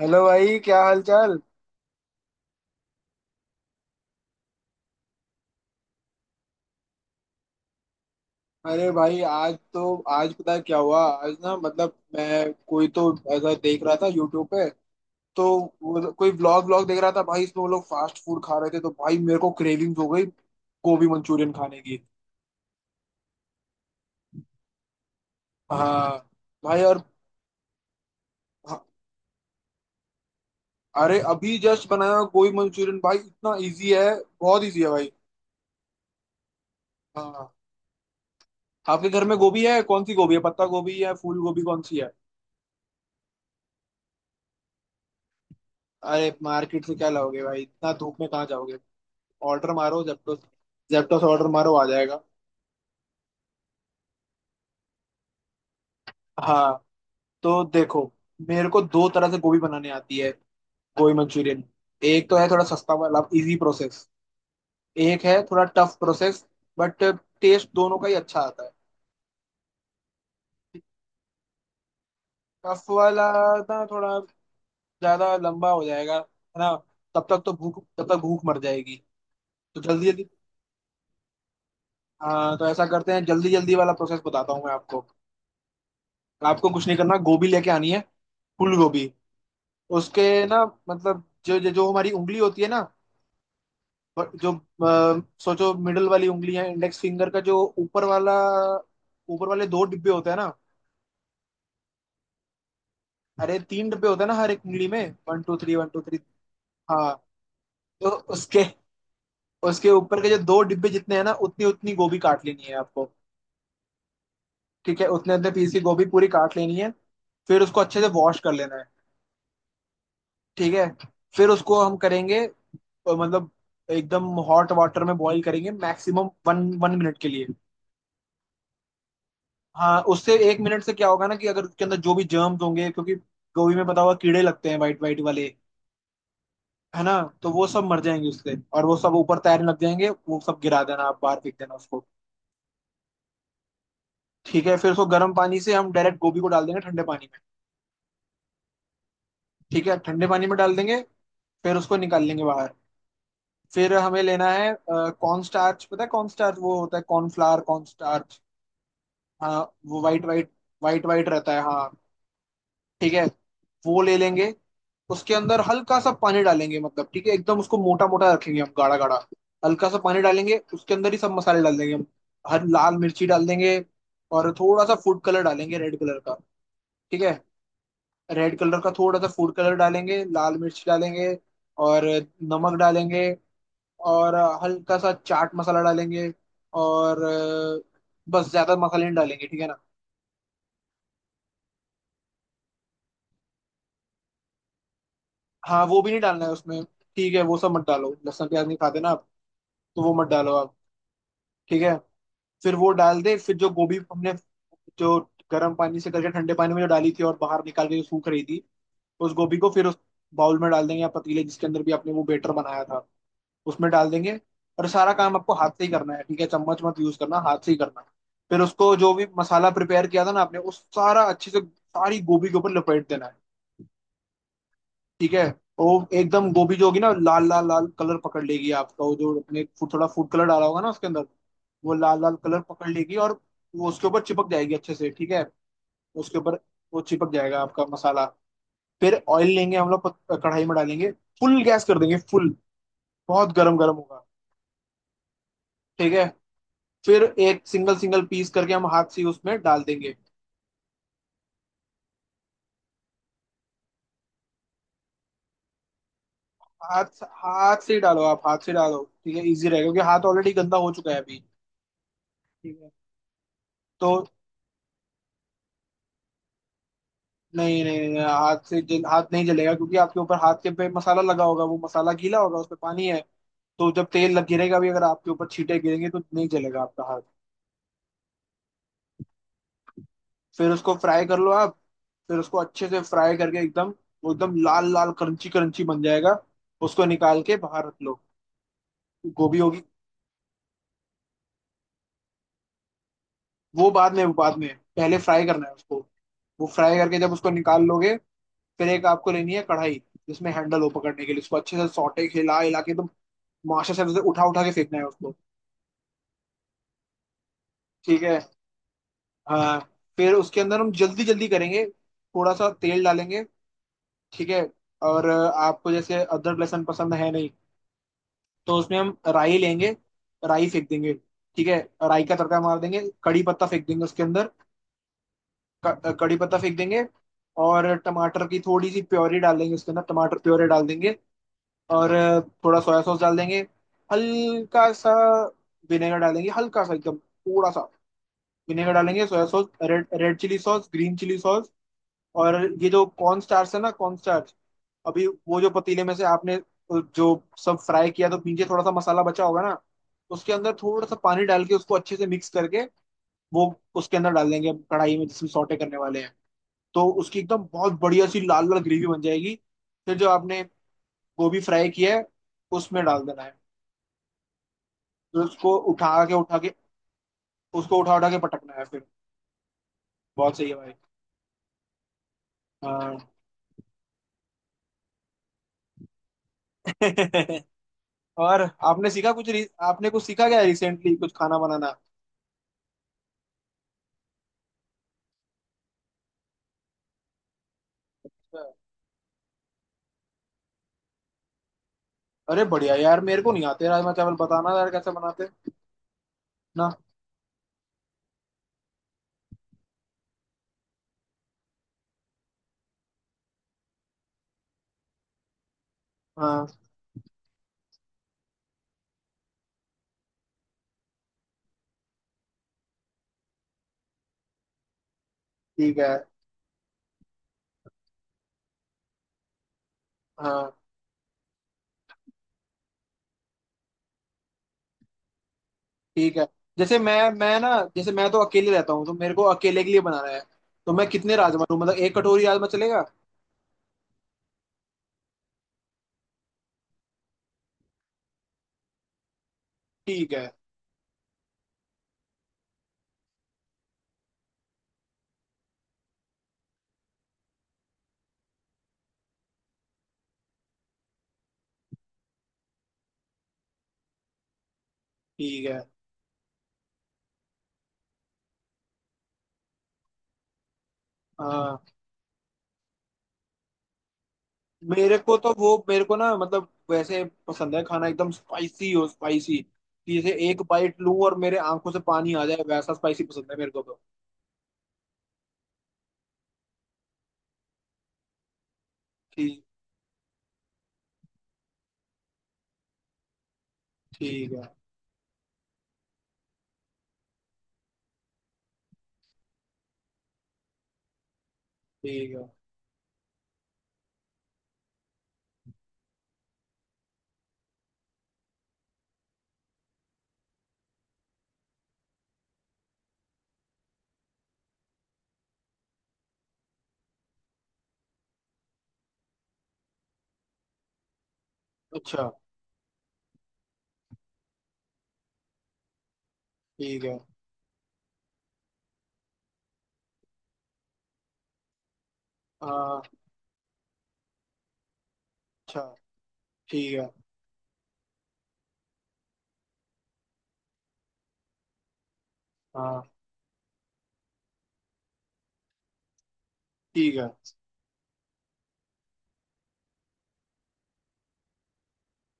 Hello भाई, क्या हाल चाल? अरे भाई, आज पता है क्या हुआ। आज ना मतलब मैं कोई तो ऐसा देख रहा था यूट्यूब पे। तो कोई व्लॉग व्लॉग देख रहा था भाई, इसमें वो लोग फास्ट फूड खा रहे थे, तो भाई मेरे को क्रेविंग्स हो गई गोभी मंचूरियन खाने की। हाँ भाई, और हाँ, अरे अभी जस्ट बनाया गोभी मंचूरियन भाई, इतना इजी है, बहुत इजी है भाई। हाँ, आपके घर में गोभी है? कौन सी गोभी है, पत्ता गोभी है, फूल गोभी, कौन सी है? अरे मार्केट से क्या लाओगे भाई, इतना धूप में कहाँ जाओगे। ऑर्डर मारो जेप्टो। जेप्टो से ऑर्डर मारो, आ जाएगा। हाँ तो देखो, मेरे को दो तरह से गोभी बनाने आती है, गोभी मंचूरियन। एक तो है थोड़ा सस्ता वाला, इजी प्रोसेस। एक है थोड़ा टफ प्रोसेस, बट टेस्ट दोनों का ही अच्छा आता है। टफ वाला ना थोड़ा ज्यादा लंबा हो जाएगा, है ना। तब तक भूख मर जाएगी। तो जल्दी जल्दी। हाँ तो ऐसा करते हैं, जल्दी जल्दी वाला प्रोसेस बताता हूँ मैं आपको। आपको कुछ नहीं करना, गोभी लेके आनी है, फूल गोभी। उसके ना, मतलब जो जो जो हमारी उंगली होती है ना। और जो सोचो, मिडल वाली उंगली है, इंडेक्स फिंगर का जो ऊपर वाला, ऊपर वाले दो डिब्बे होते हैं ना। अरे तीन डिब्बे होते हैं ना हर एक उंगली में, one two three, one two three. हाँ तो उसके, उसके ऊपर के जो दो डिब्बे जितने हैं ना, उतनी उतनी गोभी काट लेनी है आपको। ठीक है, उतने उतने पीस की गोभी पूरी काट लेनी है। फिर उसको अच्छे से वॉश कर लेना है। ठीक है, फिर उसको हम करेंगे मतलब एकदम हॉट वाटर में बॉईल करेंगे, मैक्सिमम वन वन मिनट के लिए। हाँ, उससे 1 मिनट से क्या होगा ना, कि अगर उसके अंदर जो भी जर्म्स होंगे, क्योंकि गोभी में पता होगा कीड़े लगते हैं, वाइट वाइट वाले, है ना। तो वो सब मर जाएंगे उससे, और वो सब ऊपर तैरने लग जाएंगे, वो सब गिरा देना आप, बाहर फेंक देना उसको। ठीक है, फिर उसको गर्म पानी से हम डायरेक्ट गोभी को डाल देंगे ठंडे पानी में। ठीक है, ठंडे पानी में डाल देंगे, फिर उसको निकाल लेंगे बाहर। फिर हमें लेना है कॉर्न स्टार्च, पता है कॉर्न स्टार्च? वो होता है कॉर्न फ्लावर, कॉर्न स्टार्च। हाँ, वो वाइट वाइट, वाइट वाइट रहता है, हाँ। ठीक है, वो ले लेंगे। उसके अंदर हल्का सा पानी डालेंगे, मतलब ठीक है एकदम उसको मोटा मोटा रखेंगे हम, गाढ़ा गाढ़ा। हल्का सा पानी डालेंगे, उसके अंदर ही सब मसाले डाल देंगे हम। हर लाल मिर्ची डाल देंगे, और थोड़ा सा फूड कलर डालेंगे रेड कलर का। ठीक है, रेड कलर का थोड़ा सा फूड कलर डालेंगे, लाल मिर्च डालेंगे, और नमक डालेंगे, और हल्का सा चाट मसाला डालेंगे। और बस ज्यादा मसाले नहीं डालेंगे, ठीक है ना। हाँ, वो भी नहीं डालना है उसमें। ठीक है, वो सब मत डालो, लहसुन प्याज नहीं खाते ना, तो वो मत डालो आप। ठीक है, फिर वो डाल दे, फिर जो गोभी हमने, जो गर्म पानी से करके ठंडे पानी में जो डाली थी और बाहर निकाल के जो सूख रही थी, उस गोभी को फिर उस बाउल में डाल देंगे, या पतीले, जिसके अंदर भी आपने वो बेटर बनाया था, उसमें डाल देंगे। और सारा काम आपको हाथ से ही करना है, ठीक है, चम्मच मत यूज करना, हाथ से ही करना है। फिर उसको जो भी मसाला प्रिपेयर किया था ना आपने, उस सारा अच्छे से सारी गोभी के ऊपर लपेट देना है। ठीक है, वो एकदम गोभी जो होगी ना, लाल लाल लाल कलर पकड़ लेगी, आपका वो जो अपने फूड थोड़ा फूड कलर डाला होगा ना उसके अंदर, वो लाल लाल कलर पकड़ लेगी, और वो उसके ऊपर चिपक जाएगी अच्छे से। ठीक है, उसके ऊपर वो चिपक जाएगा आपका मसाला। फिर ऑयल लेंगे हम लोग, कढ़ाई में डालेंगे, फुल गैस कर देंगे फुल, बहुत गरम गरम होगा। ठीक है, फिर एक सिंगल सिंगल पीस करके हम हाथ से उसमें डाल देंगे। हाथ हाथ से ही डालो आप, हाथ से डालो, ठीक है, इजी रहेगा, क्योंकि हाथ ऑलरेडी गंदा हो चुका है अभी। ठीक है, तो नहीं नहीं नहीं, हाथ नहीं जलेगा, क्योंकि आपके ऊपर हाथ के पे मसाला लगा होगा, वो मसाला गीला होगा, उस पे पानी है। तो जब तेल लग गिरेगा भी, अगर आपके ऊपर छींटे गिरेंगे, तो नहीं जलेगा आपका हाथ। फिर उसको फ्राई कर लो आप, फिर उसको अच्छे से फ्राई करके एकदम, वो एकदम लाल लाल क्रंची क्रंची बन जाएगा। उसको निकाल के बाहर रख लो, गोभी होगी। वो बाद में, वो बाद में, पहले फ्राई करना है उसको। वो फ्राई करके जब उसको निकाल लोगे, फिर एक आपको लेनी है कढ़ाई जिसमें हैंडल हो पकड़ने के लिए, उसको अच्छे से सौटे हिला हिला के एकदम, मास्टर से उठा उठा के फेंकना है उसको। ठीक है, हाँ, फिर उसके अंदर हम जल्दी जल्दी करेंगे, थोड़ा सा तेल डालेंगे, ठीक है, और आपको जैसे अदरक लहसुन पसंद है नहीं, तो उसमें हम राई लेंगे, राई फेंक देंगे। ठीक है, राई का तड़का मार देंगे, कड़ी पत्ता फेंक देंगे उसके अंदर, कड़ी पत्ता फेंक देंगे, और टमाटर की थोड़ी सी प्योरी डाल देंगे उसके अंदर, टमाटर प्योरी डाल देंगे, और थोड़ा सोया सॉस डाल देंगे, हल्का सा, विनेगर डालेंगे हल्का सा एकदम, थोड़ा सा, विनेगर डालेंगे, soya sauce, red red chilli sauce, green chilli sauce. और ये जो कॉर्न स्टार्च है ना, कॉर्न स्टार्च, अभी वो जो पतीले में से आपने, जो सब फ्राई किया, तो नीचे थोड़ा सा मसाला बचा होगा ना, उसके अंदर थोड़ा सा पानी डाल के उसको अच्छे से मिक्स करके वो उसके अंदर डाल देंगे कढ़ाई में, जिसमें सौटे करने वाले हैं। तो उसकी एकदम बहुत बढ़िया सी लाल लाल ग्रेवी बन जाएगी। फिर जो आपने गोभी फ्राई किया है, उसमें डाल देना है। फिर उसको उठा के उठा के, उसको उठा उठा के पटकना है फिर। बहुत सही है भाई, हाँ और आपने कुछ सीखा क्या रिसेंटली, कुछ खाना बनाना? अरे बढ़िया यार, मेरे को नहीं आते राजमा चावल, बताना यार कैसे बनाते हैं। ना। हाँ, ठीक है। हाँ, ठीक है। जैसे मैं ना, जैसे मैं तो अकेले रहता हूँ, तो मेरे को अकेले के लिए बनाना है। तो मैं कितने राजमा लूँ, मतलब एक कटोरी राजमा चलेगा? ठीक है। ठीक है, हाँ। मेरे को ना मतलब वैसे पसंद है खाना एकदम स्पाइसी हो, स्पाइसी, कि जैसे एक बाइट लूँ और मेरे आंखों से पानी आ जाए, वैसा स्पाइसी पसंद है मेरे को तो। ठीक, ठीक है। ठीक है, अच्छा, ठीक है, हाँ, अच्छा, ठीक है, हाँ, ठीक है।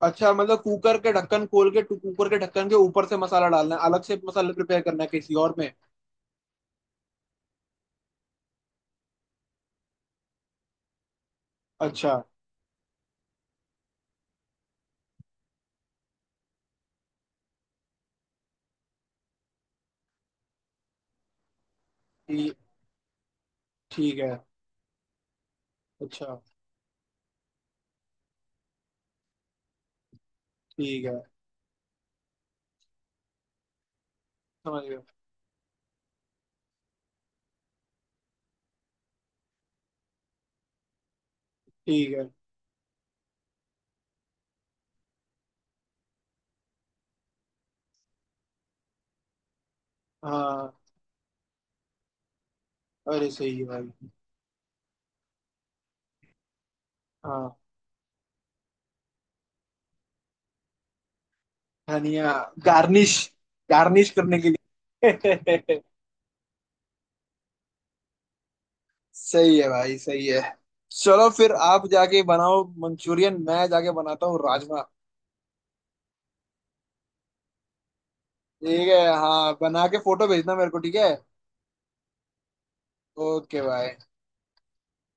अच्छा, मतलब कुकर के ढक्कन खोल के कुकर के ढक्कन के ऊपर से मसाला डालना है, अलग से मसाला प्रिपेयर करना है किसी और में? अच्छा, ठी- ठीक है, अच्छा ठीक है, समझ गया, ठीक है, हाँ। अरे सही है भाई, हाँ। धनिया, गार्निश। गार्निश करने के लिए सही है भाई, सही है। चलो फिर आप जाके बनाओ मंचूरियन, मैं जाके बनाता हूँ राजमा। ठीक है, हाँ, बना के फोटो भेजना मेरे को, ठीक है। ओके भाई।